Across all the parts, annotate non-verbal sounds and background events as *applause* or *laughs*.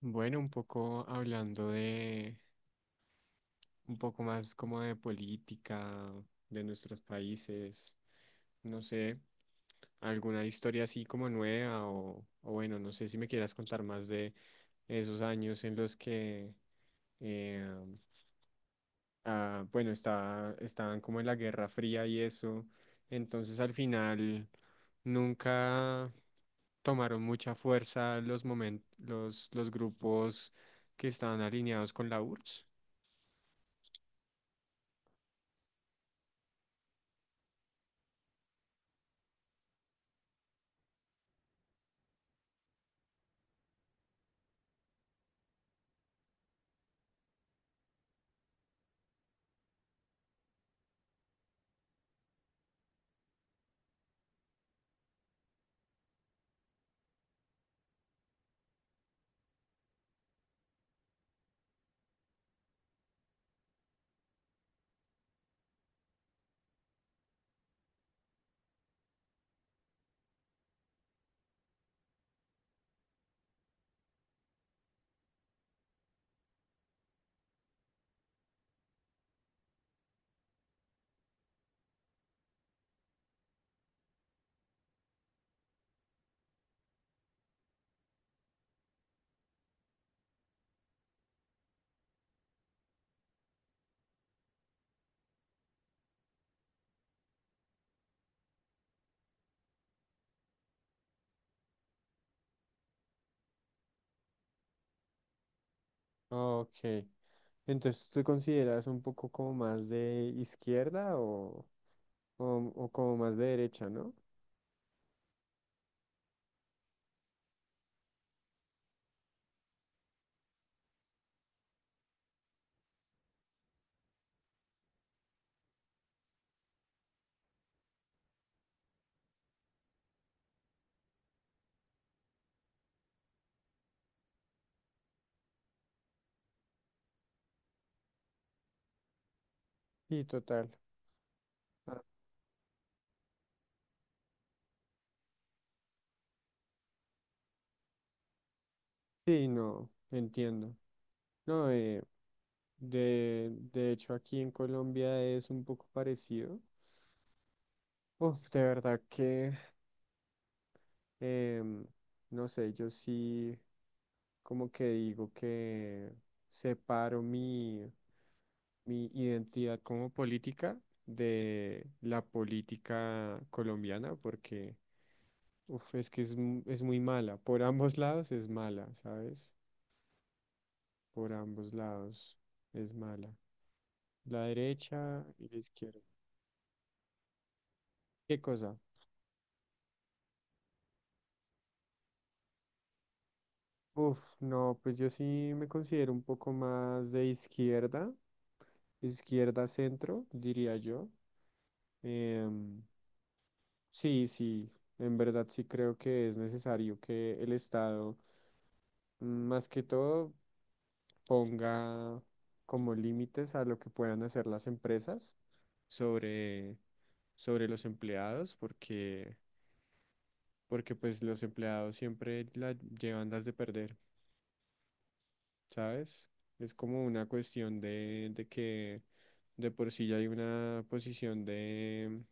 Bueno, un poco hablando de, un poco más como de política, de nuestros países, no sé, alguna historia así como nueva o bueno, no sé si me quieras contar más de esos años en los que eh, bueno, estaban como en la Guerra Fría y eso. Entonces al final nunca tomaron mucha fuerza los grupos que estaban alineados con la URSS. Ok. Entonces, ¿tú te consideras un poco como más de izquierda o como más de derecha, no? Sí, total. Ah, sí, no, entiendo. No, de hecho aquí en Colombia es un poco parecido. Uf, de verdad que, em, no sé, yo sí como que digo que separo mi, mi identidad como política de la política colombiana porque, uf, es que es, es muy mala. Por ambos lados es mala, ¿sabes? Por ambos lados es mala. La derecha y la izquierda. ¿Qué cosa? Uf, no, pues yo sí me considero un poco más de izquierda. Izquierda, centro, diría yo. Em, sí, sí, en verdad sí creo que es necesario que el Estado, mm, más que todo, ponga como límites a lo que puedan hacer las empresas sobre, sobre los empleados, porque, porque pues los empleados siempre la llevan las de perder. ¿Sabes? Es como una cuestión de que de por sí ya hay una posición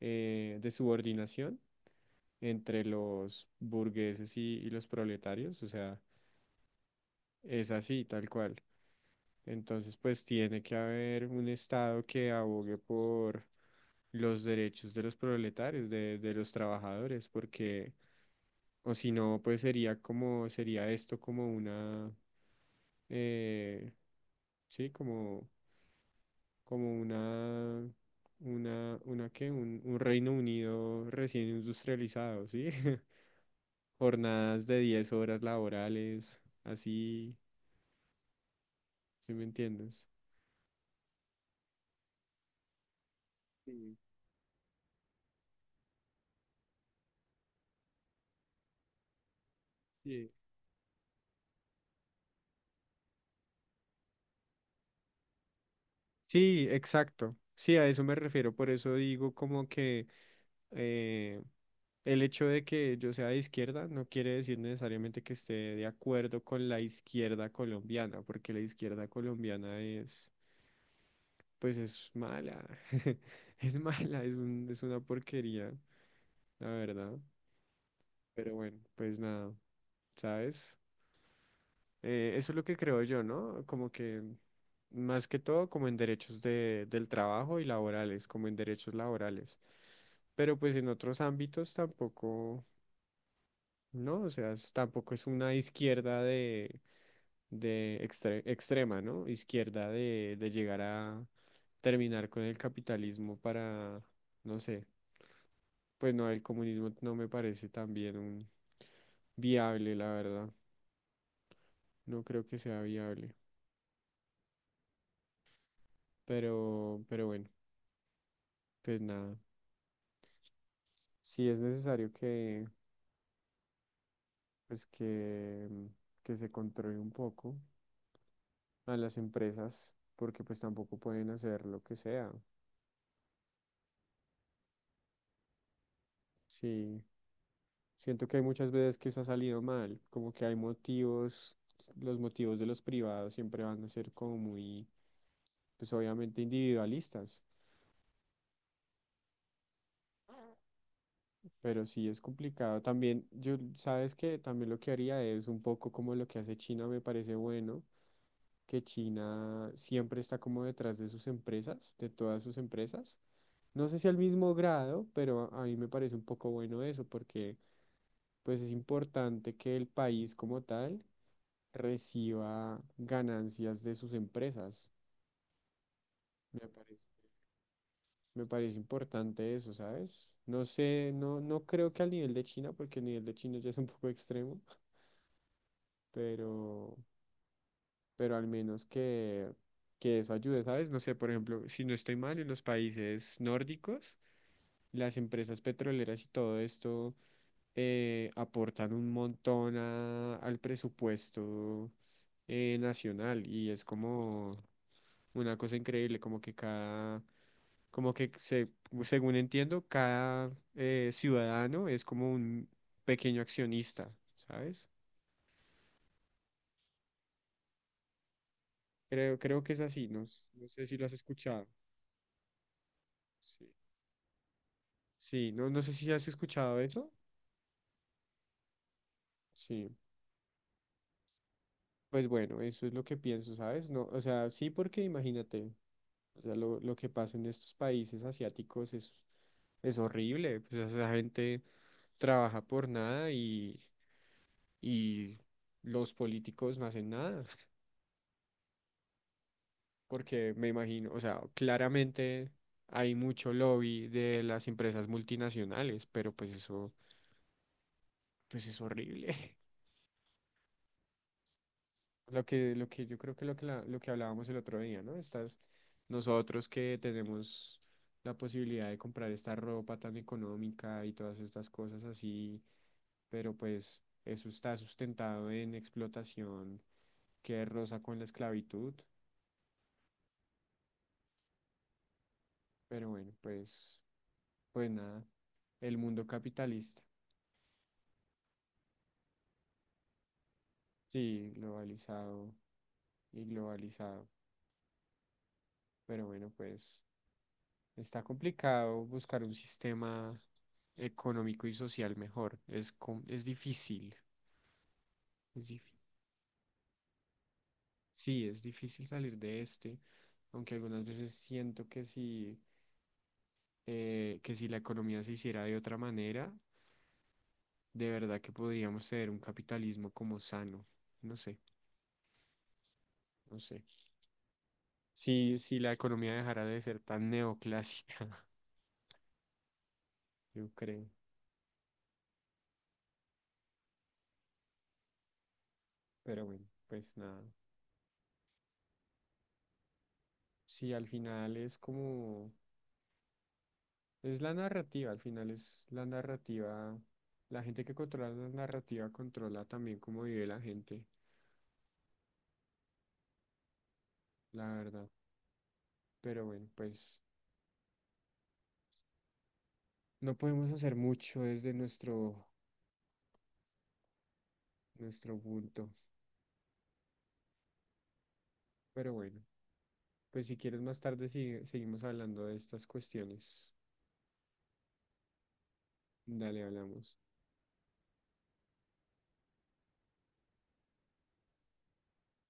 de subordinación entre los burgueses y los proletarios, o sea, es así, tal cual. Entonces, pues tiene que haber un Estado que abogue por los derechos de los proletarios, de los trabajadores, porque, o si no, pues sería como, sería esto como una, eh, sí, como como una qué, un Reino Unido recién industrializado, ¿sí? *laughs* Jornadas de 10 horas laborales, así, ¿sí me entiendes? Sí, sí. Sí, exacto. Sí, a eso me refiero. Por eso digo como que eh, el hecho de que yo sea de izquierda no quiere decir necesariamente que esté de acuerdo con la izquierda colombiana, porque la izquierda colombiana es pues es mala. *laughs* Es mala, es un, es una porquería, la verdad. Pero bueno, pues nada, ¿sabes? Eso es lo que creo yo, ¿no? Como que más que todo como en derechos de, del trabajo y laborales, como en derechos laborales. Pero pues en otros ámbitos tampoco, ¿no? O sea, tampoco es una izquierda de extrema, ¿no? Izquierda de llegar a terminar con el capitalismo para, no sé. Pues no, el comunismo no me parece también un viable, la verdad. No creo que sea viable. Pero bueno, pues nada. Sí es necesario que, pues que, mm, que se controle un poco a las empresas, porque pues tampoco pueden hacer lo que sea. Sí, siento que hay muchas veces que eso ha salido mal, como que hay motivos, los motivos de los privados siempre van a ser como muy, pues obviamente individualistas. Pero sí es complicado. También, yo, sabes que también lo que haría es un poco como lo que hace China, me parece bueno, que China siempre está como detrás de sus empresas, de todas sus empresas. No sé si al mismo grado, pero a mí me parece un poco bueno eso, porque pues es importante que el país como tal reciba ganancias de sus empresas. Me parece, me parece importante eso, ¿sabes? No sé, no, no creo que al nivel de China, porque el nivel de China ya es un poco extremo pero, pero al menos que eso ayude, ¿sabes? No sé, por ejemplo, si no estoy mal, en los países nórdicos, las empresas petroleras y todo esto aportan un montón al presupuesto nacional y es como una cosa increíble, como que cada, como que se, según entiendo, cada ciudadano es como un pequeño accionista, ¿sabes? Creo, creo que es así, no, no sé si lo has escuchado. Sí. Sí, no, no sé si has escuchado eso. Sí, pues bueno, eso es lo que pienso, ¿sabes? No, o sea, sí, porque imagínate, o sea, lo que pasa en estos países asiáticos es horrible. Pues esa gente trabaja por nada y, y los políticos no hacen nada. *laughs* Porque me imagino, o sea, claramente hay mucho lobby de las empresas multinacionales, pero pues eso, pues es horrible. Lo que yo creo que lo que, lo que hablábamos el otro día, ¿no? Estas, nosotros que tenemos la posibilidad de comprar esta ropa tan económica y todas estas cosas así, pero pues eso está sustentado en explotación que roza con la esclavitud, pero bueno, pues, pues nada, el mundo capitalista, sí, globalizado y globalizado, pero bueno, pues. Está complicado buscar un sistema económico y social mejor. Es, es difícil. Es sí, es difícil salir de este, aunque algunas veces siento que si la economía se hiciera de otra manera, de verdad que podríamos tener un capitalismo como sano. No sé, no sé. Si, si la economía dejara de ser tan neoclásica, *laughs* yo creo. Pero bueno, pues nada. Si al final es como... Es la narrativa, al final es la narrativa. La gente que controla la narrativa controla también cómo vive la gente, la verdad. Pero bueno, pues no podemos hacer mucho desde nuestro, nuestro punto. Pero bueno, pues si quieres más tarde seguimos hablando de estas cuestiones. Dale, hablamos.